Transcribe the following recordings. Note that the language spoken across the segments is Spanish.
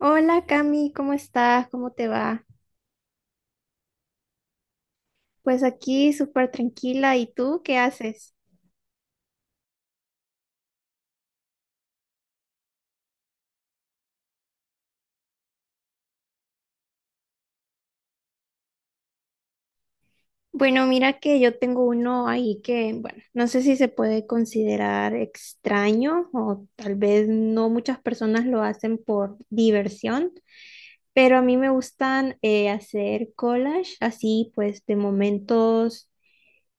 Hola Cami, ¿cómo estás? ¿Cómo te va? Pues aquí súper tranquila. ¿Y tú qué haces? Bueno, mira que yo tengo uno ahí que, bueno, no sé si se puede considerar extraño o tal vez no muchas personas lo hacen por diversión, pero a mí me gustan hacer collage así pues de momentos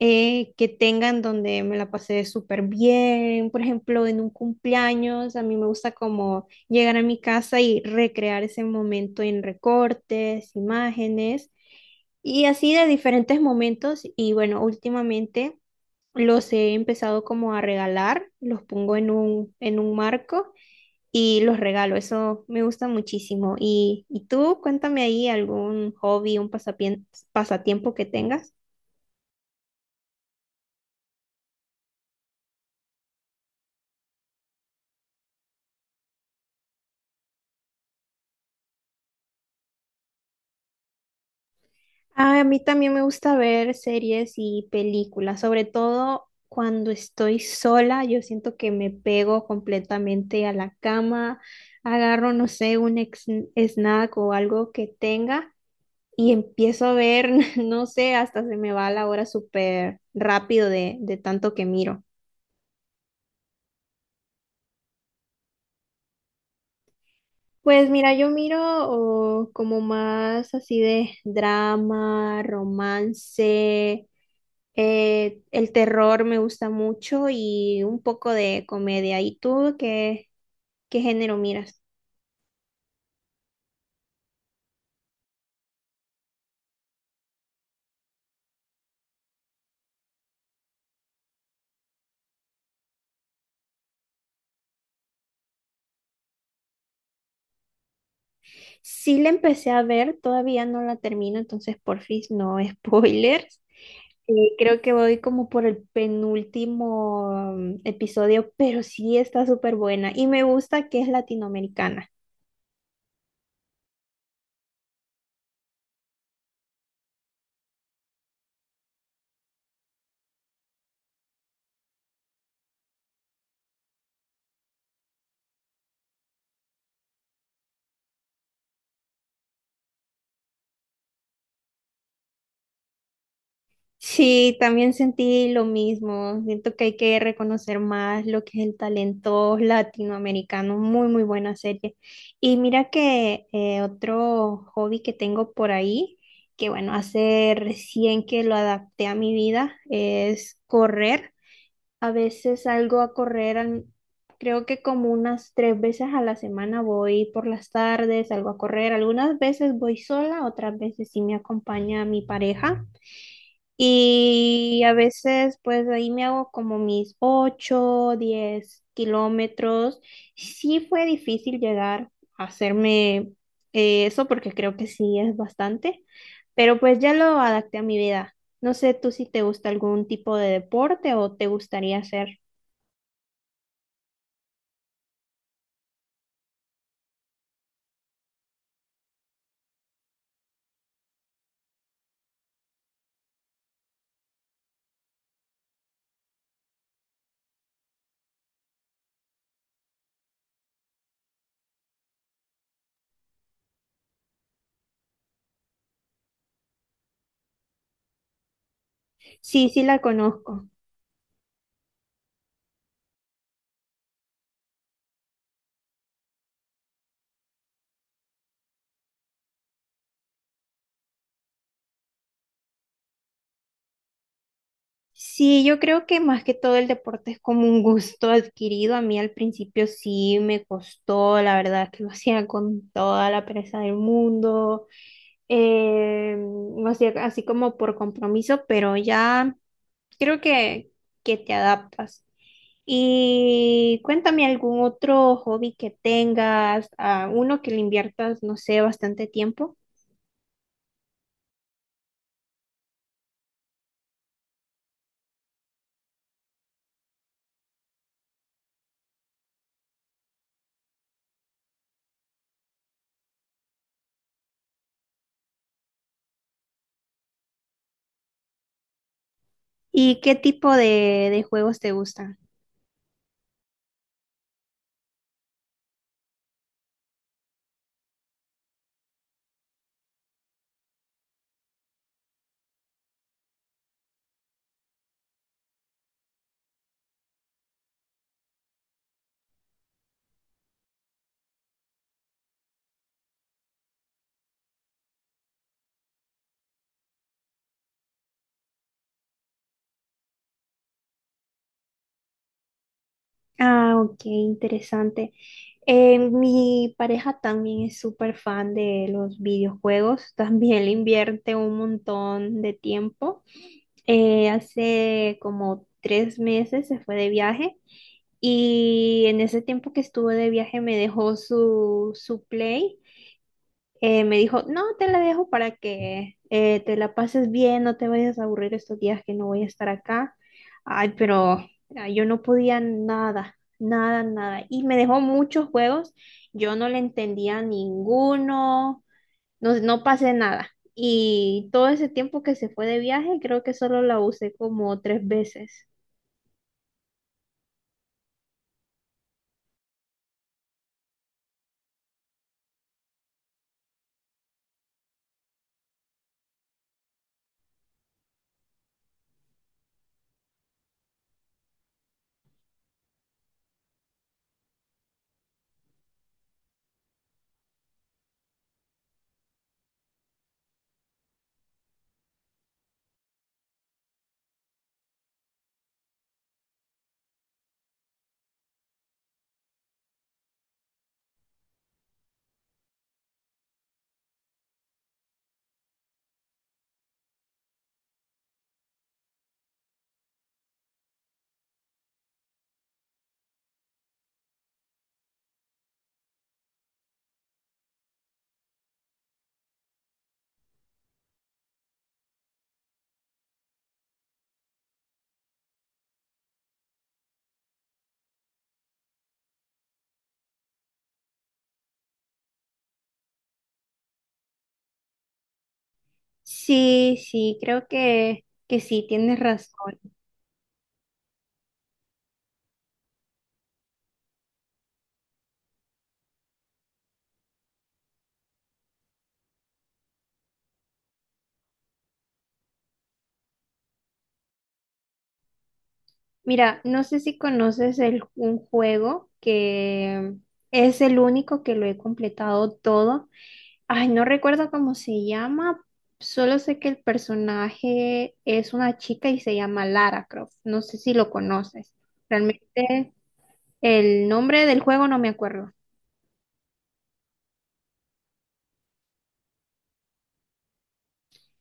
que tengan donde me la pasé súper bien. Por ejemplo, en un cumpleaños, a mí me gusta como llegar a mi casa y recrear ese momento en recortes, imágenes y así de diferentes momentos. Y bueno, últimamente los he empezado como a regalar, los pongo en un marco. Y los regalo, eso me gusta muchísimo. Y tú, cuéntame ahí algún hobby, un pasatiempo que tengas. Ah, a mí también me gusta ver series y películas, sobre todo cuando estoy sola, yo siento que me pego completamente a la cama, agarro, no sé, snack o algo que tenga y empiezo a ver, no sé, hasta se me va la hora súper rápido de tanto que miro. Pues mira, yo miro oh, como más así de drama, romance. El terror me gusta mucho y un poco de comedia. ¿Qué género miras? Sí, la empecé a ver, todavía no la termino, entonces porfis, no spoilers. Creo que voy como por el penúltimo episodio, pero sí está súper buena y me gusta que es latinoamericana. Sí, también sentí lo mismo. Siento que hay que reconocer más lo que es el talento latinoamericano. Muy, muy buena serie. Y mira que otro hobby que tengo por ahí, que bueno, hace recién que lo adapté a mi vida, es correr. A veces salgo a correr, creo que como unas 3 veces a la semana voy por las tardes, salgo a correr. Algunas veces voy sola, otras veces sí me acompaña mi pareja. Y a veces, pues ahí me hago como mis 8 10 kilómetros. Sí, fue difícil llegar a hacerme eso porque creo que sí es bastante, pero pues ya lo adapté a mi vida. No sé tú si te gusta algún tipo de deporte o te gustaría hacer. Sí, sí la conozco. Sí, yo creo que más que todo el deporte es como un gusto adquirido. A mí al principio sí me costó, la verdad que lo hacía con toda la pereza del mundo, lo hacía así como por compromiso, pero ya creo que te adaptas. Y cuéntame algún otro hobby que tengas, a uno que le inviertas, no sé, bastante tiempo. ¿Y qué tipo de juegos te gustan? Ah, ok, interesante. Mi pareja también es súper fan de los videojuegos, también le invierte un montón de tiempo. Hace como 3 meses se fue de viaje y en ese tiempo que estuve de viaje me dejó su Play. Me dijo, no, te la dejo para que te la pases bien, no te vayas a aburrir estos días que no voy a estar acá. Ay, pero ah, yo no podía nada, nada, nada. Y me dejó muchos juegos, yo no le entendía ninguno, no, no pasé nada. Y todo ese tiempo que se fue de viaje, creo que solo la usé como 3 veces. Sí, sí, creo que sí, tienes razón. Mira, no sé si conoces un juego que es el único que lo he completado todo. Ay, no recuerdo cómo se llama, solo sé que el personaje es una chica y se llama Lara Croft. No sé si lo conoces. Realmente el nombre del juego no me acuerdo.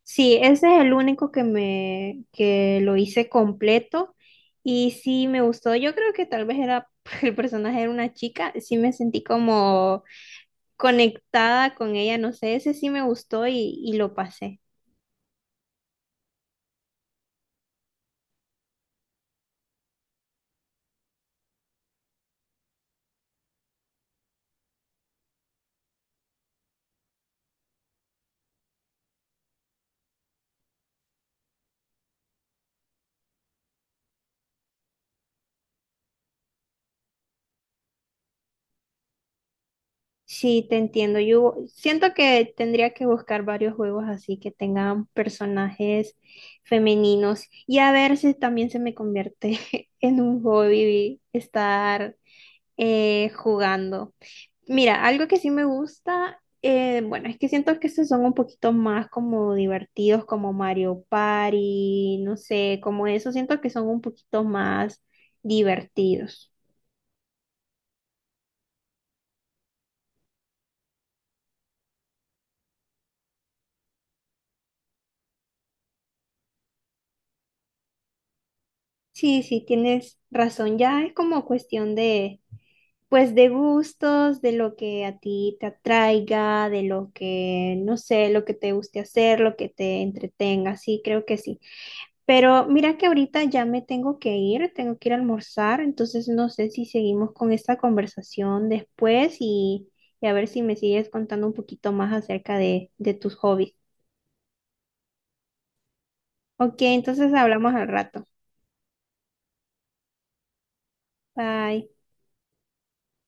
Sí, ese es el único que me que lo hice completo y sí me gustó. Yo creo que tal vez era el personaje era una chica, sí me sentí como conectada con ella, no sé, ese sí me gustó y lo pasé. Sí, te entiendo. Yo siento que tendría que buscar varios juegos así que tengan personajes femeninos y a ver si también se me convierte en un hobby estar jugando. Mira, algo que sí me gusta, bueno, es que siento que estos son un poquito más como divertidos, como Mario Party, no sé, como eso, siento que son un poquito más divertidos. Sí, sí, tienes razón, ya es como cuestión de, pues, de gustos, de lo que a ti te atraiga, de lo que, no sé, lo que te guste hacer, lo que te entretenga, sí, creo que sí. Pero mira que ahorita ya me tengo que ir a almorzar, entonces no sé si seguimos con esta conversación después y a ver si me sigues contando un poquito más acerca de tus hobbies. Ok, entonces hablamos al rato. Bye.